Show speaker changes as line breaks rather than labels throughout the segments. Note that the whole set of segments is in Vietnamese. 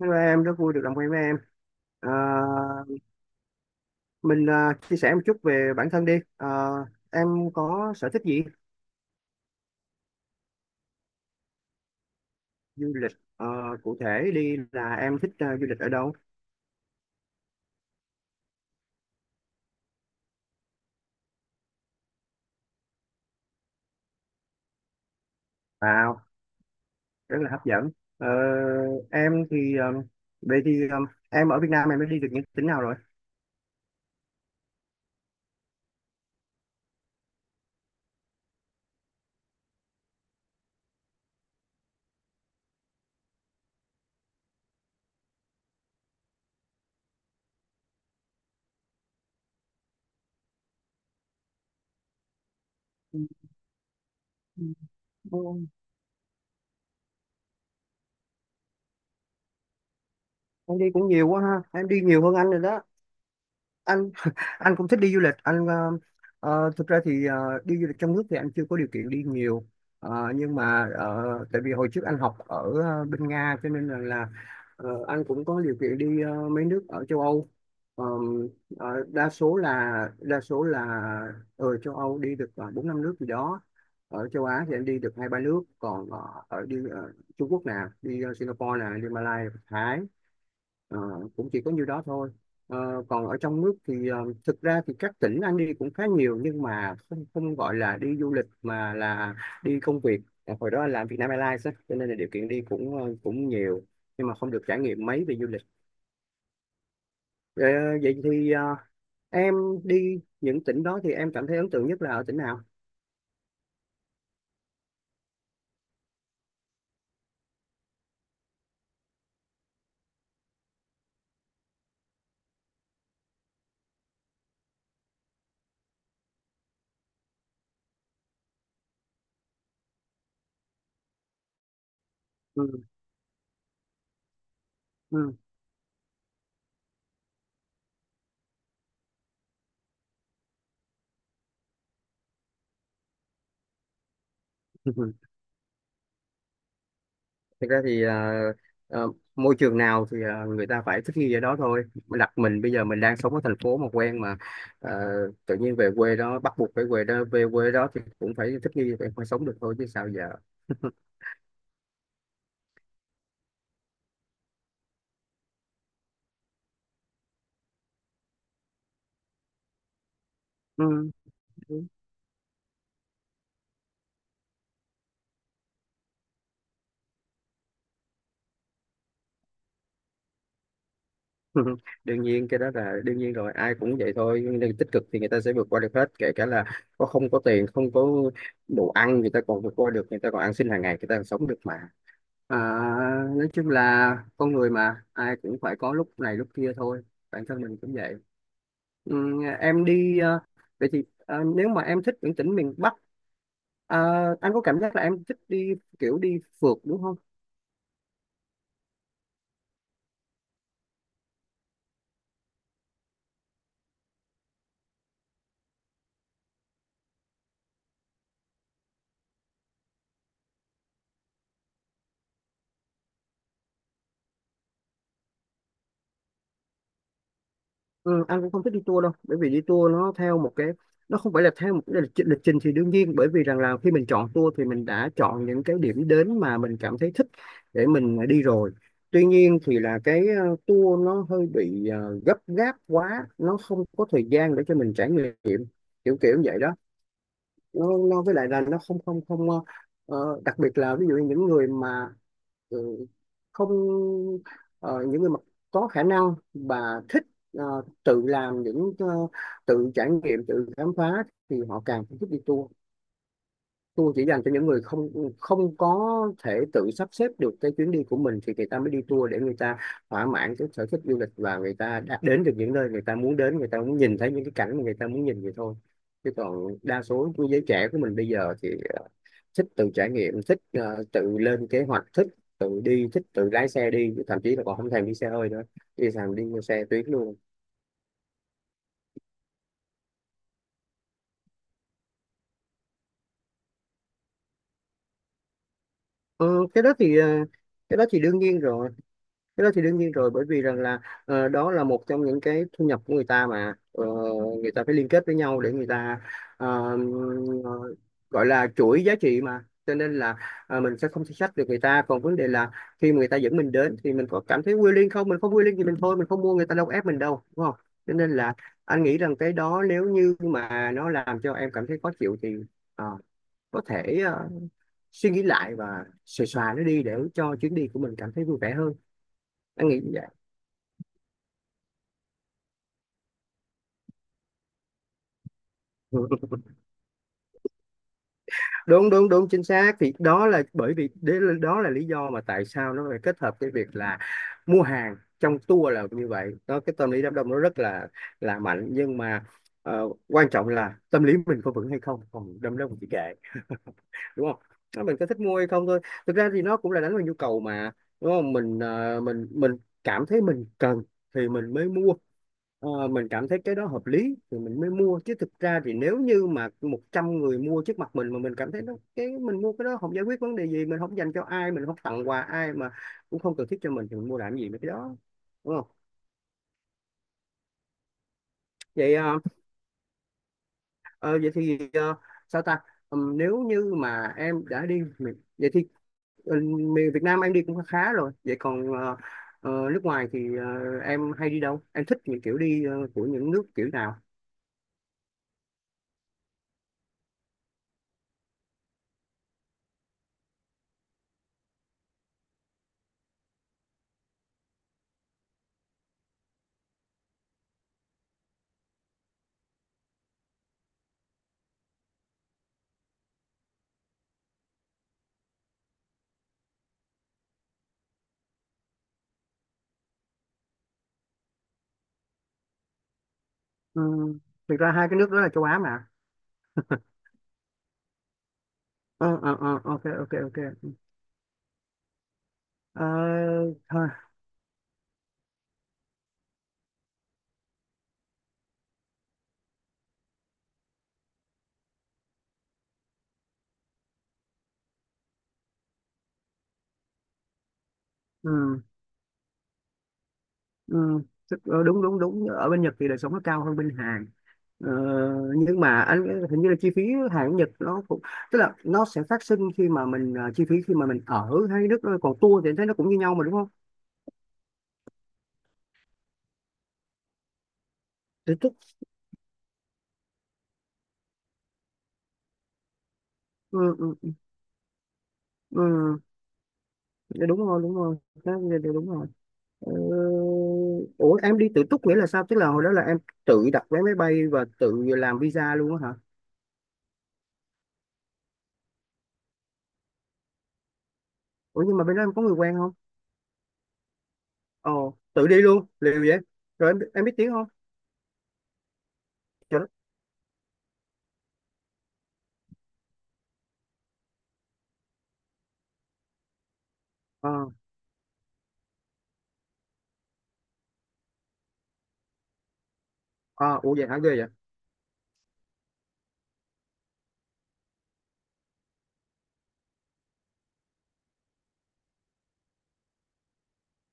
Hello em, rất vui được làm quen với em. À, mình chia sẻ một chút về bản thân đi. Em có sở thích gì? Du lịch. À, Cụ thể đi là em thích du lịch ở đâu? Wow, rất là hấp dẫn. Ờ, em thì vậy thì em ở Việt Nam em đã đi được những tỉnh nào rồi? Ừ, ừ, Em đi cũng nhiều quá ha. Em đi nhiều hơn anh rồi đó. Anh anh cũng thích đi du lịch anh ờ, Thực ra thì đi du lịch trong nước thì anh chưa có điều kiện đi nhiều. Nhưng mà tại vì hồi trước anh học ở bên Nga cho nên là anh cũng có điều kiện đi mấy nước ở châu Âu. Ờm, Đa số là đa số là ở châu Âu đi được 4 5 nước gì đó, ở châu Á thì anh đi được 2 3 nước, còn ở đi Trung Quốc nè, đi Singapore nè, đi Malaysia, Thái. Ờ, Cũng chỉ có nhiêu đó thôi. Còn ở trong nước thì thực ra thì các tỉnh anh đi cũng khá nhiều, nhưng mà không không gọi là đi du lịch mà là đi công việc. Ờ, Hồi đó anh làm Vietnam Airlines á, cho nên là điều kiện đi cũng cũng nhiều, nhưng mà không được trải nghiệm mấy về du lịch. Ờ, Vậy thì em đi những tỉnh đó thì em cảm thấy ấn tượng nhất là ở tỉnh nào? ừ, ừ. Thực ra thì à, môi trường nào thì người ta phải thích nghi ở đó thôi. Đặt mình bây giờ mình đang sống ở thành phố mà quen mà à, tự nhiên về quê đó, bắt buộc phải về đó, về quê đó thì cũng phải thích nghi, phải sống được thôi chứ sao giờ. ừ. Đương nhiên cái đó là đương nhiên rồi, ai cũng vậy thôi, nhưng nếu tích cực thì người ta sẽ vượt qua được hết, kể cả là có không có tiền, không có đồ ăn người ta còn vượt qua được, người ta còn ăn xin hàng ngày người ta còn sống được mà. À, nói chung là con người mà ai cũng phải có lúc này lúc kia thôi, bản thân mình cũng vậy. Em đi vậy thì nếu mà em thích những tỉnh miền Bắc ờ, anh có cảm giác là em thích đi kiểu đi phượt đúng không? Ừ, anh cũng không thích đi tour đâu, bởi vì đi tour nó theo một cái, nó không phải là theo một cái lịch trình thì đương nhiên, bởi vì rằng là khi mình chọn tour thì mình đã chọn những cái điểm đến mà mình cảm thấy thích để mình đi rồi. Tuy nhiên thì là cái tour nó hơi bị gấp gáp quá, nó không có thời gian để cho mình trải nghiệm, kiểu kiểu như vậy đó. Nó với lại là nó không không không ờ, ờ, đặc biệt là ví dụ như những người mà ừ, không ờ, những người mà có khả năng và thích ờ, tự làm những tự trải nghiệm, tự khám phá thì họ càng thích đi tour. Tour chỉ dành cho những người không không có thể tự sắp xếp được cái chuyến đi của mình thì người ta mới đi tour, để người ta thỏa mãn cái sở thích du lịch và người ta đã đến được những nơi người ta muốn đến, người ta muốn nhìn thấy những cái cảnh mà người ta muốn nhìn vậy thôi. Chứ còn đa số của giới trẻ của mình bây giờ thì ờ, thích tự trải nghiệm, thích tự lên kế hoạch, thích tự đi, thích tự lái xe đi, thậm chí là còn không thèm đi xe hơi nữa, đi thèm đi xe tuyến luôn. Ừ, cái đó thì cái đó thì đương nhiên rồi. Cái đó thì đương nhiên rồi, bởi vì rằng là đó là một trong những cái thu nhập của người ta mà. Ờ, Người ta phải liên kết với nhau để người ta ờ, ờ, gọi là chuỗi giá trị mà, cho nên là mình sẽ không thể sách được người ta, còn vấn đề là khi mà người ta dẫn mình đến thì mình có cảm thấy quyến liên không, mình không quyến liên thì mình thôi, mình không mua, người ta đâu có ép mình đâu đúng không. Cho nên là anh nghĩ rằng cái đó nếu như mà nó làm cho em cảm thấy khó chịu thì ờ, có thể suy nghĩ lại và xòe xòa nó đi để cho chuyến đi của mình cảm thấy vui vẻ hơn, anh nghĩ như vậy. Ừ. đúng đúng đúng chính xác, thì đó là bởi vì đó là lý do mà tại sao nó phải kết hợp cái việc là mua hàng trong tour là như vậy đó. Cái tâm lý đám đông nó rất là mạnh, nhưng mà quan trọng là tâm lý mình có vững hay không, còn đám đông thì kệ. Đúng không? Nó mình có thích mua hay không thôi. Thực ra thì nó cũng là đánh vào nhu cầu mà, đúng không? Mình mình cảm thấy mình cần thì mình mới mua. Ờ, mình cảm thấy cái đó hợp lý thì mình mới mua, chứ thực ra thì nếu như mà 100 người mua trước mặt mình mà mình cảm thấy nó, cái mình mua cái đó không giải quyết vấn đề gì, mình không dành cho ai, mình không tặng quà ai mà cũng không cần thiết cho mình thì mình mua làm gì mấy cái đó, đúng không? vậy ờ, ờ, Vậy thì sao ta? Nếu như mà vậy thì ờ, miền Việt Nam em đi cũng khá rồi, vậy còn nước ngoài thì em hay đi đâu, em thích những kiểu đi của những nước kiểu nào? Ừm, Thực ra hai cái nước đó là châu Á mà. Ờ ờ ờ, ok ok ok. Ờ, thôi. ừ, ừ, Đúng đúng đúng, ở bên Nhật thì đời sống nó cao hơn bên Hàn. Ờ, nhưng mà anh hình như là chi phí Hàn Nhật nó cũng, tức là nó sẽ phát sinh khi mà mình chi phí khi mà mình ở hay nước, còn tour thì anh thấy nó cũng như nhau mà đúng không? Thì. ừ, ừ, ừ, dạ đúng rồi đúng rồi. Đó, dạ, dạ, đúng rồi. Ờ, ủa em đi tự túc nghĩa là sao, tức là hồi đó là em tự đặt vé máy bay và tự làm visa luôn á hả? Ủa nhưng mà bên đó em có người quen không? Ồ, tự đi luôn, liều vậy. Rồi em biết tiếng không? Trời đất. Ờ, Ủa vậy hả, ghê vậy.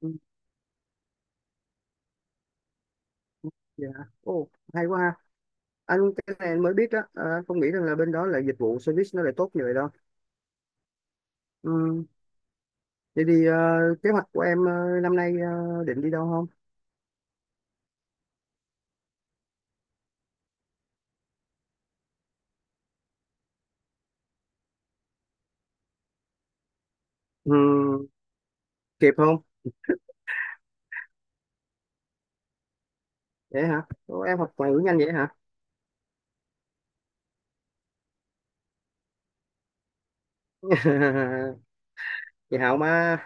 Ừ, vậy. Ồ, hay quá ha. Anh, cái này anh mới biết đó, à, anh không nghĩ rằng là bên đó là dịch vụ service nó lại tốt như vậy đâu. Ừ, vậy thì kế hoạch của em năm nay định đi đâu không? Ừ, kịp không? Vậy hả? Ủa, em học ngoại ngữ nhanh vậy hả? Chị Hảo mà.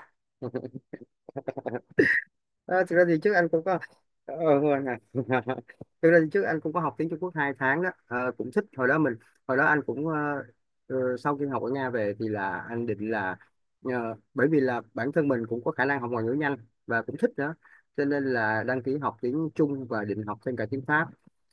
Ờ, thực ra thì trước anh cũng có ờ, quên rồi. Thực ra thì trước anh cũng có học tiếng Trung Quốc 2 tháng đó. Ờ, cũng thích. Hồi đó mình hồi đó anh cũng sau khi học ở Nga về thì là anh định là bởi vì là bản thân mình cũng có khả năng học ngoại ngữ nhanh và cũng thích nữa, cho nên là đăng ký học tiếng Trung và định học thêm cả tiếng Pháp.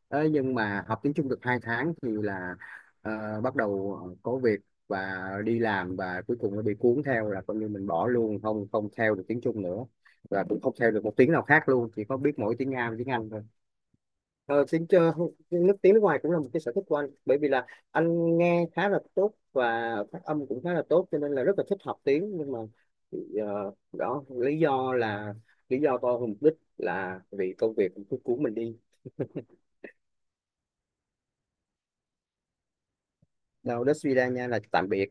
Ờ, nhưng mà học tiếng Trung được 2 tháng thì là bắt đầu có việc và đi làm, và cuối cùng nó bị cuốn theo, là coi như mình bỏ luôn, không không theo được tiếng Trung nữa và cũng không theo được một tiếng nào khác luôn, chỉ có biết mỗi tiếng Nga và tiếng Anh thôi. ờ, tiếng ờ, Tiếng nước ngoài cũng là một cái sở thích của anh, bởi vì là anh nghe khá là tốt và phát âm cũng khá là tốt, cho nên là rất là thích học tiếng, nhưng mà đó lý do là lý do to hơn mục đích, là vì công việc cứ cuốn mình đi. Đâu đó suy ra nha là tạm biệt,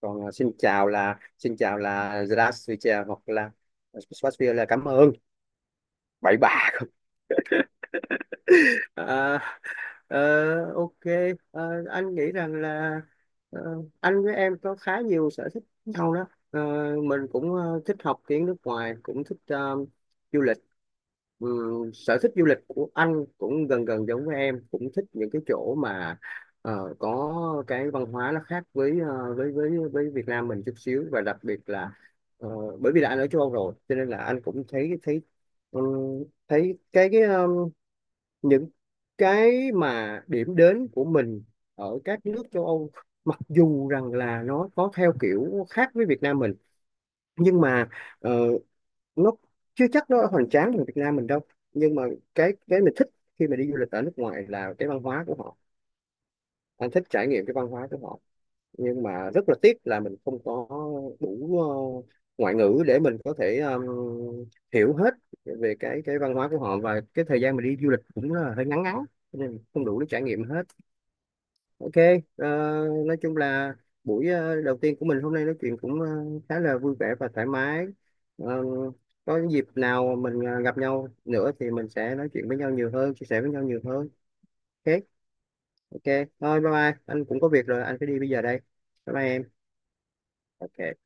còn xin chào là Zdravstvuyte, hoặc là Spasibo là cảm ơn. Bye bye. Ờ, ok. Ờ, anh nghĩ rằng là anh với em có khá nhiều sở thích nhau đó. Ờ, mình cũng thích học tiếng nước ngoài, cũng thích du lịch. Sở thích du lịch của anh cũng gần gần giống với em, cũng thích những cái chỗ mà có cái văn hóa nó khác với với Việt Nam mình chút xíu, và đặc biệt là ờ, bởi vì là anh ở châu Âu rồi, cho nên là anh cũng thấy thấy thấy cái những cái mà điểm đến của mình ở các nước châu Âu, mặc dù rằng là nó có theo kiểu khác với Việt Nam mình, nhưng mà ờ, nó chưa chắc nó hoành tráng như Việt Nam mình đâu, nhưng mà cái mình thích khi mà đi du lịch ở nước ngoài là cái văn hóa của họ. Anh thích trải nghiệm cái văn hóa của họ, nhưng mà rất là tiếc là mình không có đủ ngoại ngữ để mình có thể hiểu hết về cái văn hóa của họ, và cái thời gian mình đi du lịch cũng là hơi ngắn ngắn, cho nên không đủ để trải nghiệm hết. Ok. ờ, nói chung là buổi đầu tiên của mình hôm nay nói chuyện cũng khá là vui vẻ và thoải mái. Ờ, có dịp nào mình gặp nhau nữa thì mình sẽ nói chuyện với nhau nhiều hơn, chia sẻ với nhau nhiều hơn. Ok. Ok, thôi bye bye, anh cũng có việc rồi, anh phải đi bây giờ đây. Bye bye em. Ok.